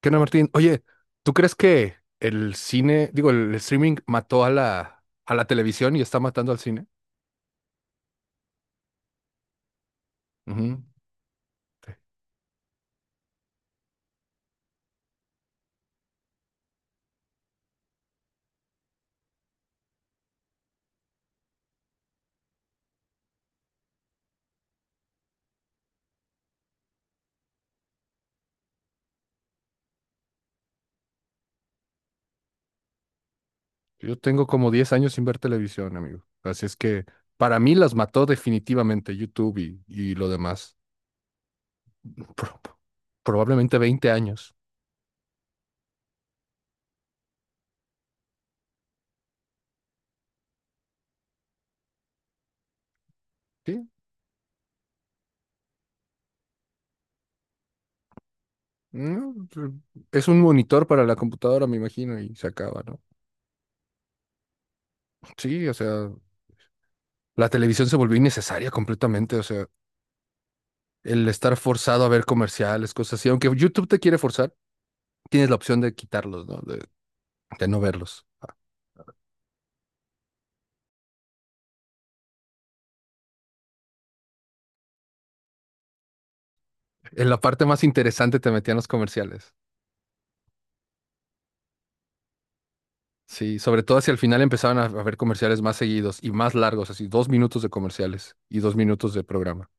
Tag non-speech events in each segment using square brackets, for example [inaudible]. ¿Qué onda, Martín? Oye, ¿tú crees que el cine, digo, el streaming mató a la televisión y está matando al cine? Ujú. Yo tengo como 10 años sin ver televisión, amigo. Así es que para mí las mató definitivamente YouTube y lo demás. Pro- Probablemente 20 años. Sí. No, es un monitor para la computadora, me imagino, y se acaba, ¿no? Sí, o sea, la televisión se volvió innecesaria completamente, o sea, el estar forzado a ver comerciales, cosas así, aunque YouTube te quiere forzar. Tienes la opción de quitarlos, ¿no? De no verlos. En la parte más interesante te metían los comerciales. Sí, sobre todo hacia el final empezaban a haber comerciales más seguidos y más largos, así 2 minutos de comerciales y 2 minutos de programa.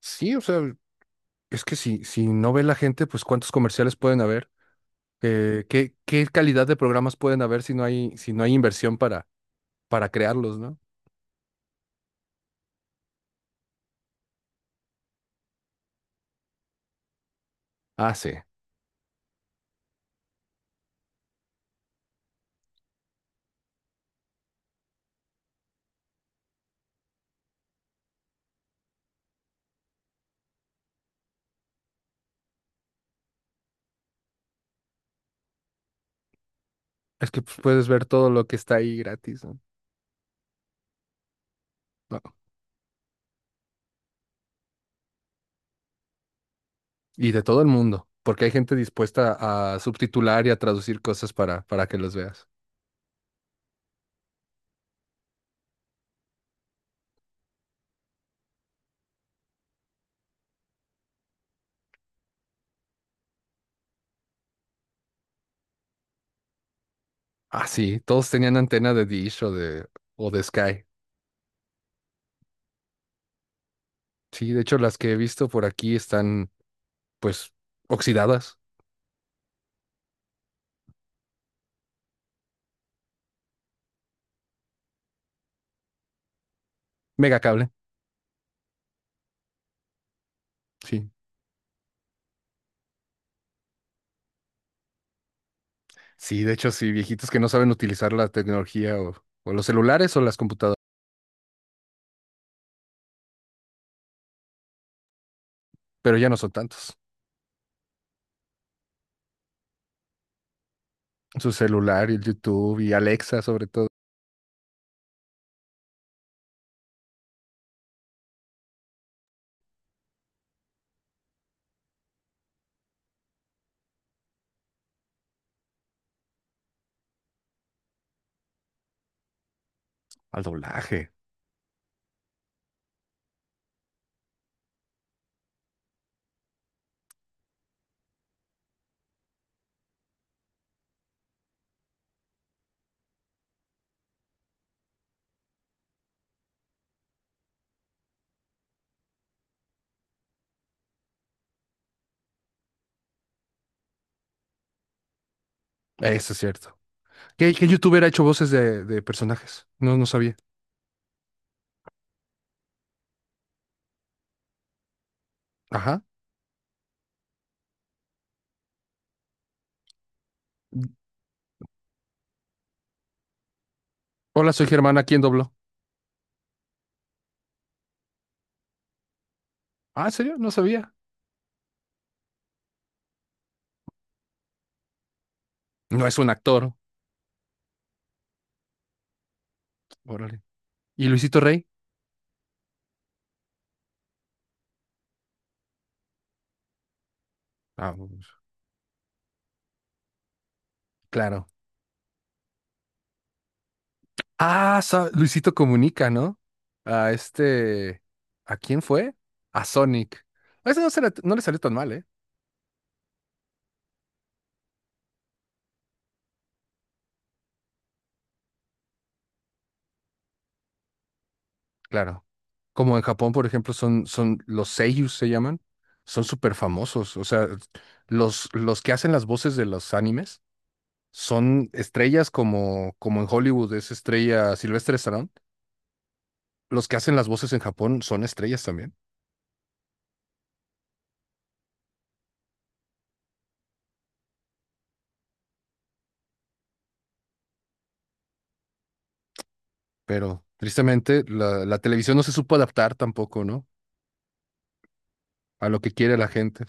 Sí, o sea, es que si no ve la gente, pues cuántos comerciales pueden haber, ¿qué calidad de programas pueden haber si no hay inversión para crearlos, ¿no? Ah, sí. Es que pues, puedes ver todo lo que está ahí gratis, ¿no? No, y de todo el mundo, porque hay gente dispuesta a subtitular y a traducir cosas para que los veas. Ah, sí, todos tenían antena de Dish o de Sky. Sí, de hecho, las que he visto por aquí están, pues, oxidadas. Mega cable. Sí. Sí, de hecho, sí, viejitos que no saben utilizar la tecnología o los celulares o las computadoras, pero ya no son tantos. Su celular y el YouTube y Alexa, sobre todo. Al doblaje. Eso es cierto. ¿Qué youtuber ha hecho voces de personajes? No, no sabía. Ajá. Hola, soy Germán, ¿a quién dobló? Ah, ¿en serio? No sabía. No es un actor. Órale. ¿Y Luisito Rey? Ah, pues, claro. Luisito Comunica, ¿no? A este... ¿A quién fue? A Sonic. A ese no, no le salió tan mal, ¿eh? Claro. Como en Japón, por ejemplo, son los seiyus, se llaman. Son súper famosos. O sea, los que hacen las voces de los animes son estrellas como, como en Hollywood es estrella Silvestre los que hacen las voces en Japón son estrellas también, pero tristemente la televisión no se supo adaptar tampoco, ¿no? A lo que quiere la gente.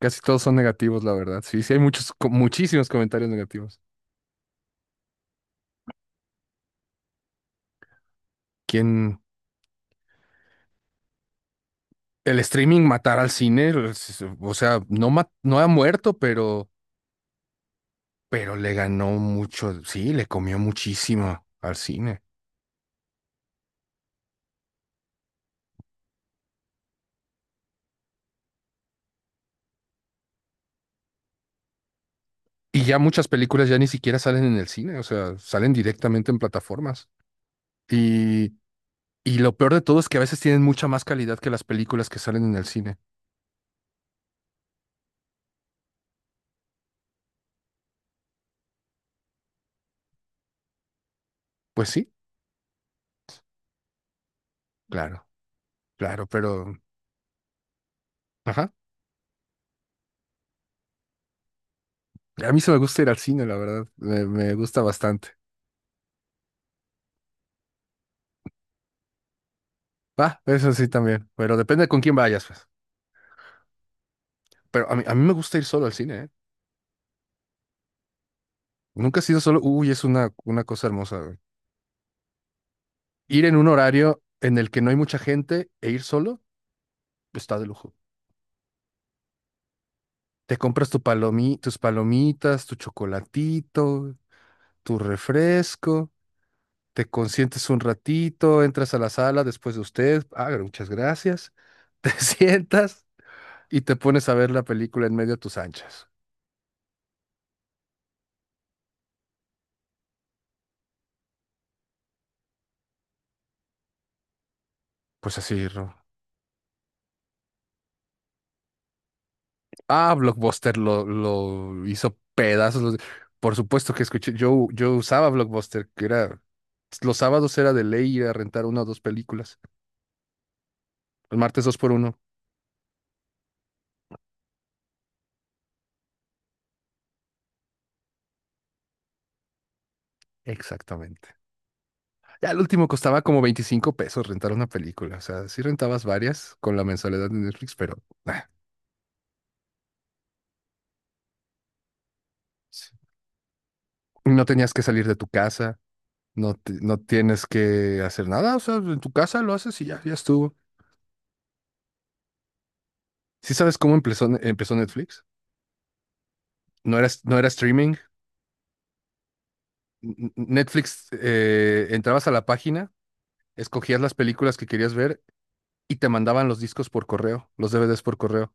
Casi todos son negativos, la verdad. Sí, sí, hay muchos, muchísimos comentarios negativos. Quien el streaming matará al cine, pues, o sea, no, no ha muerto, pero le ganó mucho, sí, le comió muchísimo al cine. Y ya muchas películas ya ni siquiera salen en el cine, o sea, salen directamente en plataformas. Y y lo peor de todo es que a veces tienen mucha más calidad que las películas que salen en el cine. Pues sí, claro, claro, pero... Ajá. A mí se me gusta ir al cine, la verdad. Me gusta bastante. Va, eso sí también. Pero depende de con quién vayas, pues. Pero a mí me gusta ir solo al cine, ¿eh? Nunca he sido solo. Uy, es una cosa hermosa, güey. Ir en un horario en el que no hay mucha gente e ir solo, pues, está de lujo. Te compras tu palomi, tus palomitas, tu chocolatito, tu refresco te consientes un ratito, entras a la sala después de usted, ah, muchas gracias, [laughs] te sientas y te pones a ver la película en medio de tus anchas. Pues así, Ro. Ah, Blockbuster lo hizo pedazos. Los- por supuesto que escuché, yo usaba Blockbuster, que era, los sábados era de ley ir a rentar una o dos películas, los martes dos por uno. Exactamente. Ya el último costaba como 25 pesos rentar una película. O sea, sí rentabas varias con la mensualidad de Netflix, pero... ah. No tenías que salir de tu casa, no, no tienes que hacer nada, o sea, en tu casa lo haces y ya, ya estuvo. ¿Sí sabes cómo empezó Netflix? No era, no era streaming. Netflix, entrabas a la página, escogías las películas que querías ver y te mandaban los discos por correo, los DVDs por correo.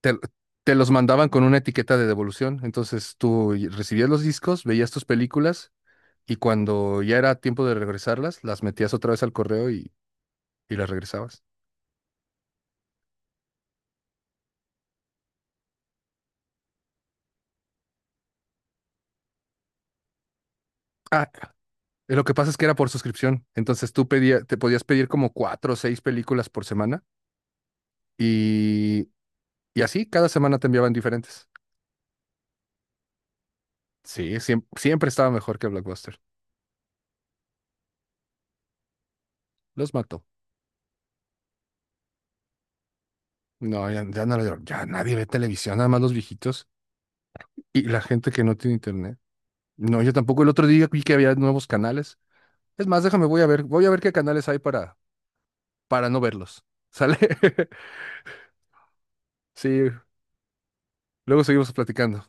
Te, te los mandaban con una etiqueta de devolución, entonces tú recibías los discos, veías tus películas y cuando ya era tiempo de regresarlas, las metías otra vez al correo y las regresabas. Ah, Lo que pasa es que era por suscripción. Entonces tú pedía, te podías pedir como cuatro o seis películas por semana y, y así cada semana te enviaban diferentes. Sí, siempre, estaba mejor que Blockbuster. Los mató. No, ya, ya nadie ve televisión, nada más los viejitos y la gente que no tiene internet. No, yo tampoco. El otro día vi que había nuevos canales. Es más, déjame, voy a ver qué canales hay para no verlos. ¿Sale? [laughs] Sí, luego seguimos platicando.